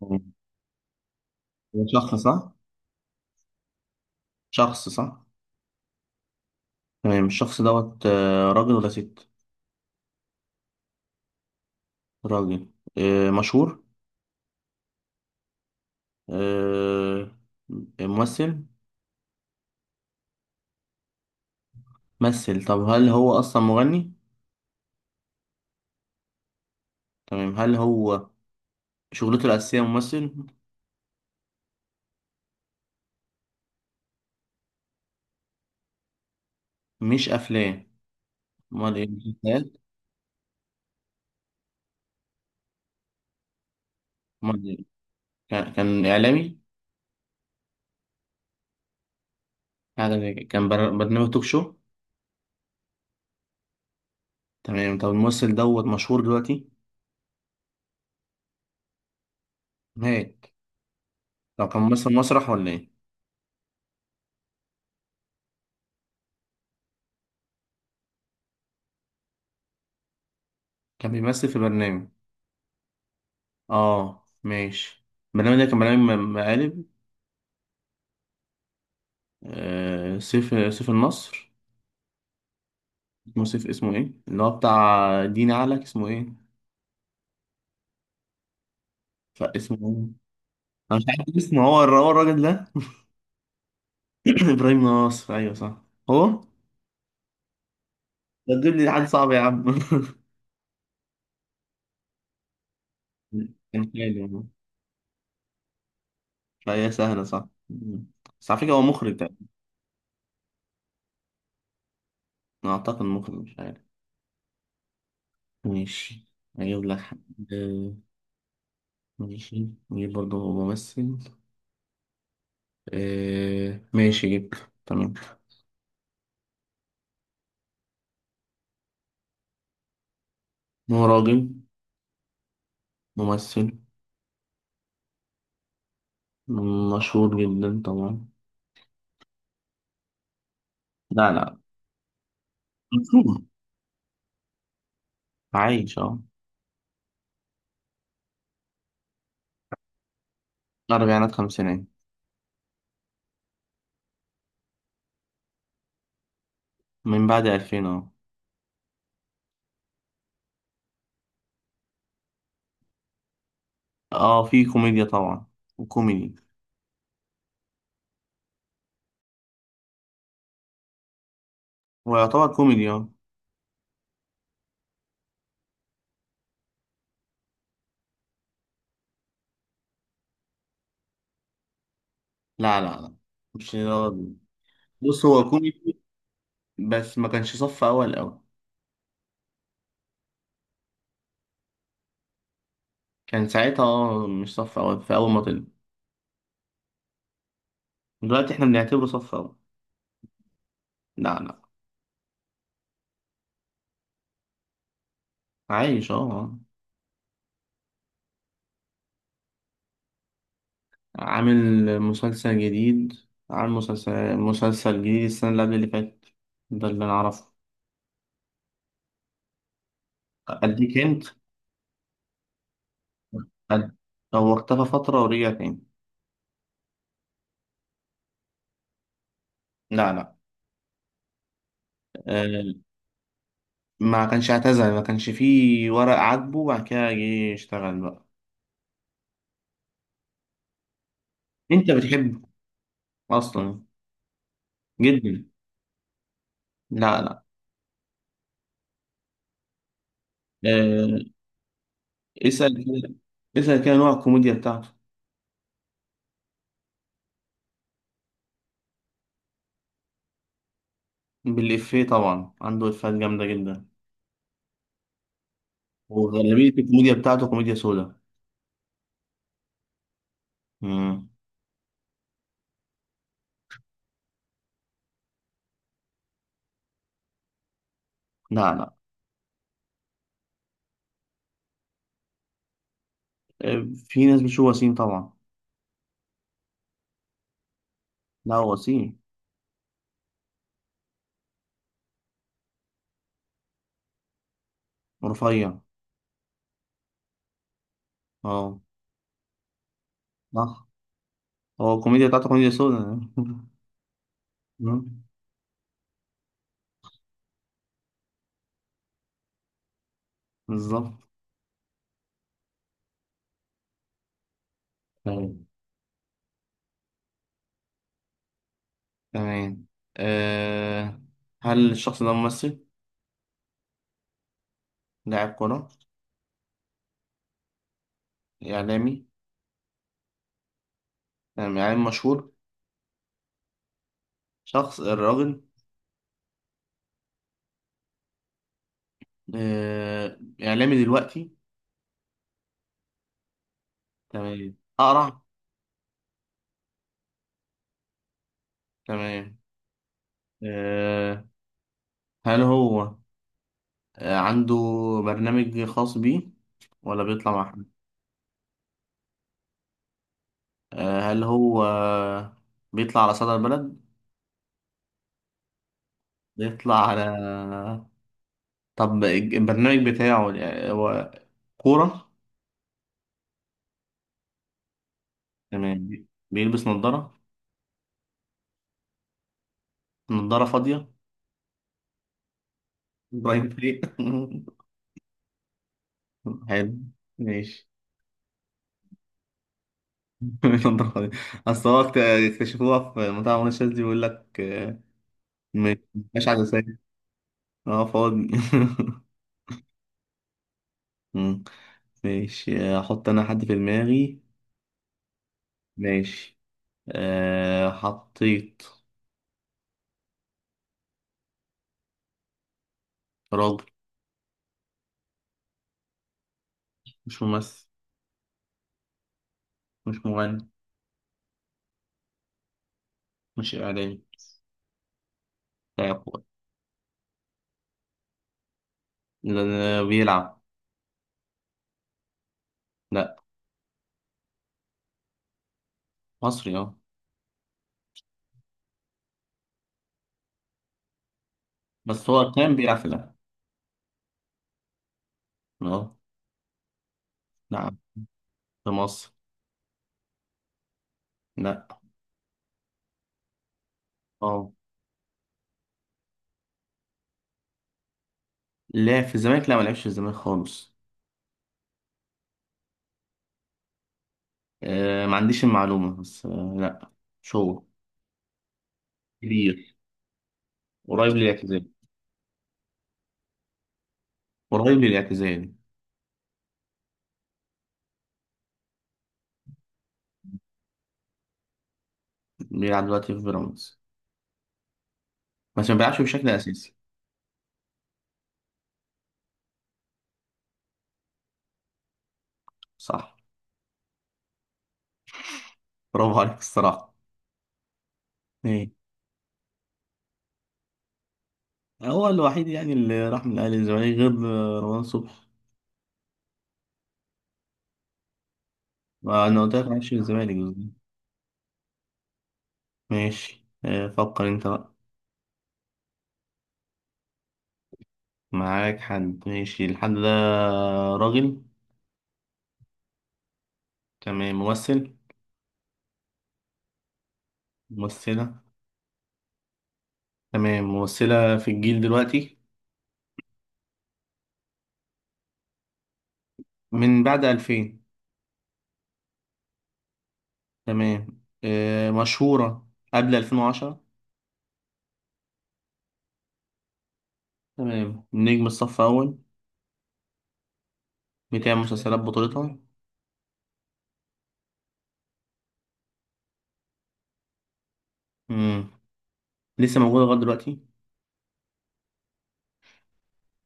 تمام. هو شخص صح؟ شخص صح؟ تمام. الشخص دوت راجل ولا ست؟ راجل. مشهور. آه، ممثل. ممثل. طب هل هو أصلا مغني؟ تمام. هل هو شغلته الأساسية ممثل؟ مش أفلام. أمال إيه؟ مسلسلات؟ أمال إيه؟ كان إعلامي؟ حاجة زي كده. كان برنامج توك شو؟ تمام. طب الممثل دوت مشهور دلوقتي؟ مات. طب كان ممثل مسرح ولا إيه؟ كان بيمثل في برنامج. اه، ماشي. البرنامج ده كان برنامج مقالب. آه، سيف النصر. اسمه سيف، اسمه ايه اللي هو بتاع دين علك، اسمه ايه؟ لا، اسمه ايه؟ انا مش عارف اسمه، هو هو الراجل ده. ابراهيم نصر، ايوه صح. هو ده، تجيب لي حد صعب يا عم؟ كان حلو يعني. فهي سهلة صح؟ بس على فكرة هو مخرج ده. أنا أعتقد مخرج، مش عارف. ماشي، هجيب لك حد. آه، ماشي، نجيب برضه ممثل. ماشي، جبت تمام. هو راجل، ممثل، مشهور جدا طبعا. لا، لا. مشهور. عايش اه. أربعينات خمسينات. من بعد 2000 اه. اه، في كوميديا طبعا. وكوميدي. هو يعتبر كوميدي اه. لا، لا، لا. مش راجل. بص، هو كوميدي، بس ما كانش صف أول أوي. كان ساعتها اه مش صف أول في أول ما طلع. دلوقتي احنا بنعتبره صف أول. لا، لا. عايش اه آه. عامل مسلسل جديد عامل مسلسل جديد السنة اللي قبل اللي فاتت. ده اللي أنا أعرفه. أديك أنت. أد- هو اختفى فترة ورجع تاني. لا، لا. آه، ما كانش اعتزل، ما كانش فيه ورق عاجبه وبعد كده جه يشتغل بقى. أنت بتحبه أصلا؟ جدا. لا، لا. آه، اسأل كده اسأل كده نوع الكوميديا بتاعته. بالإفيه طبعا، عنده إفيهات جامدة جدا. وغالبية الكوميديا بتاعته كوميديا سودا. مم. لا، لا. في ناس بتشوف وسيم طبعا. لا، هو وسيم. رفيع اه. صح. هو الكوميديا بتاعته كوميديا سودا. مم. بالظبط. تمام. تمام. أه. هل الشخص ده ممثل؟ لاعب كرة؟ إعلامي؟ تمام، إعلامي مشهور. شخص الراجل. أه، إعلامي دلوقتي. تمام، أقرع. تمام أه، هل هو عنده برنامج خاص بيه، ولا بيطلع مع؟ هل هو بيطلع على صدى البلد؟ بيطلع على طب البرنامج بتاعه يعني هو كورة. تمام، بيلبس نظارة. نظارة فاضية. إبراهيم فريق. حلو. ماشي. نظارة فاضية. أصل هو اكتشفوها في مطعم منى شاذلي، بيقول لك م- مش عدسات، اه فاضي. مم. ماشي، أحط أنا حد في دماغي. ماشي، حطيت. راجل. مش ممثل. مش مغني. مش إعلامي. لا هو- لا، لا، بيلعب. لا. مصري اه. بس هو كان بيلعب في الأهلي. اه. نعم. في مصر. لا. اه. لا، في الزمالك، لا، ما لعبش في الزمالك خالص. ما عنديش المعلومة، بس لا، مش هو. كبير. قريب للاعتزال. قريب للاعتزال. بيلعب دلوقتي في بيراميدز، بس ما بيلعبش بشكل أساسي. صح. برافو عليك الصراحة. ايه. هو الوحيد يعني اللي راح من الأهلي للزمالك، غير رمضان صبحي. ما أنا قلت لك ما لعبش في الزمالك. ماشي، فكر انت بقى. معاك حد. ماشي، الحد ده راجل. تمام، ممثل. ممثلة. تمام، ممثلة في الجيل دلوقتي. من بعد 2000. تمام، مشهورة قبل 2010. تمام، نجم الصف أول. بتعمل مسلسلات بطولتها. مم. لسه موجودة لغاية دلوقتي.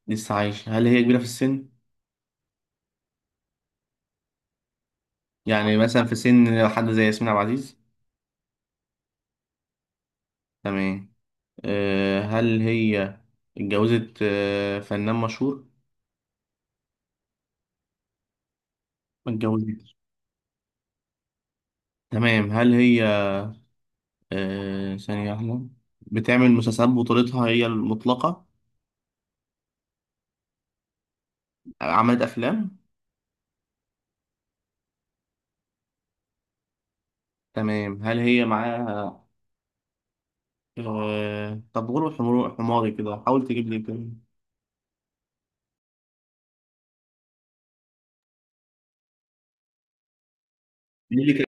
لسه عايشة. هل هي كبيرة في السن؟ يعني مثلا في سن حد زي ياسمين عبد العزيز. تمام، هل هي اتجوزت فنان مشهور؟ ما اتجوزتش. تمام، هل هي ثانية واحدة، بتعمل مسلسلات بطولتها هي المطلقة؟ عملت أفلام. تمام، هل هي معاها طب غلو، حماري كده، حاول تجيب لي كده. نيللي كريم.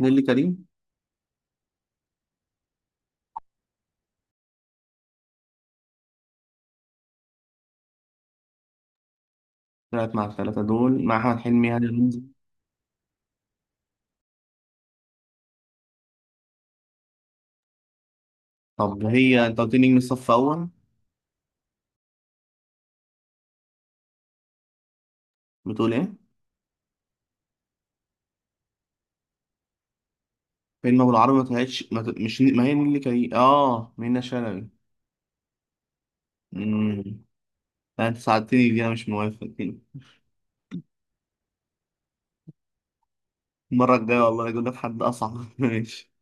نيللي كريم. طلعت مع الثلاثة دول، مع أحمد حلمي، هاني رمزي. طب هي أنت قلت لي نجم الصف أول. بتقول إيه؟ فيلم أبو العربي ما طلعتش، ما... مش، ما هي نيللي كريم، منة شلبي. امم. لا، أنت ساعدتني دي، أنا مش موافق. المرة الجاية والله أجيب لك حد أصعب. ماشي.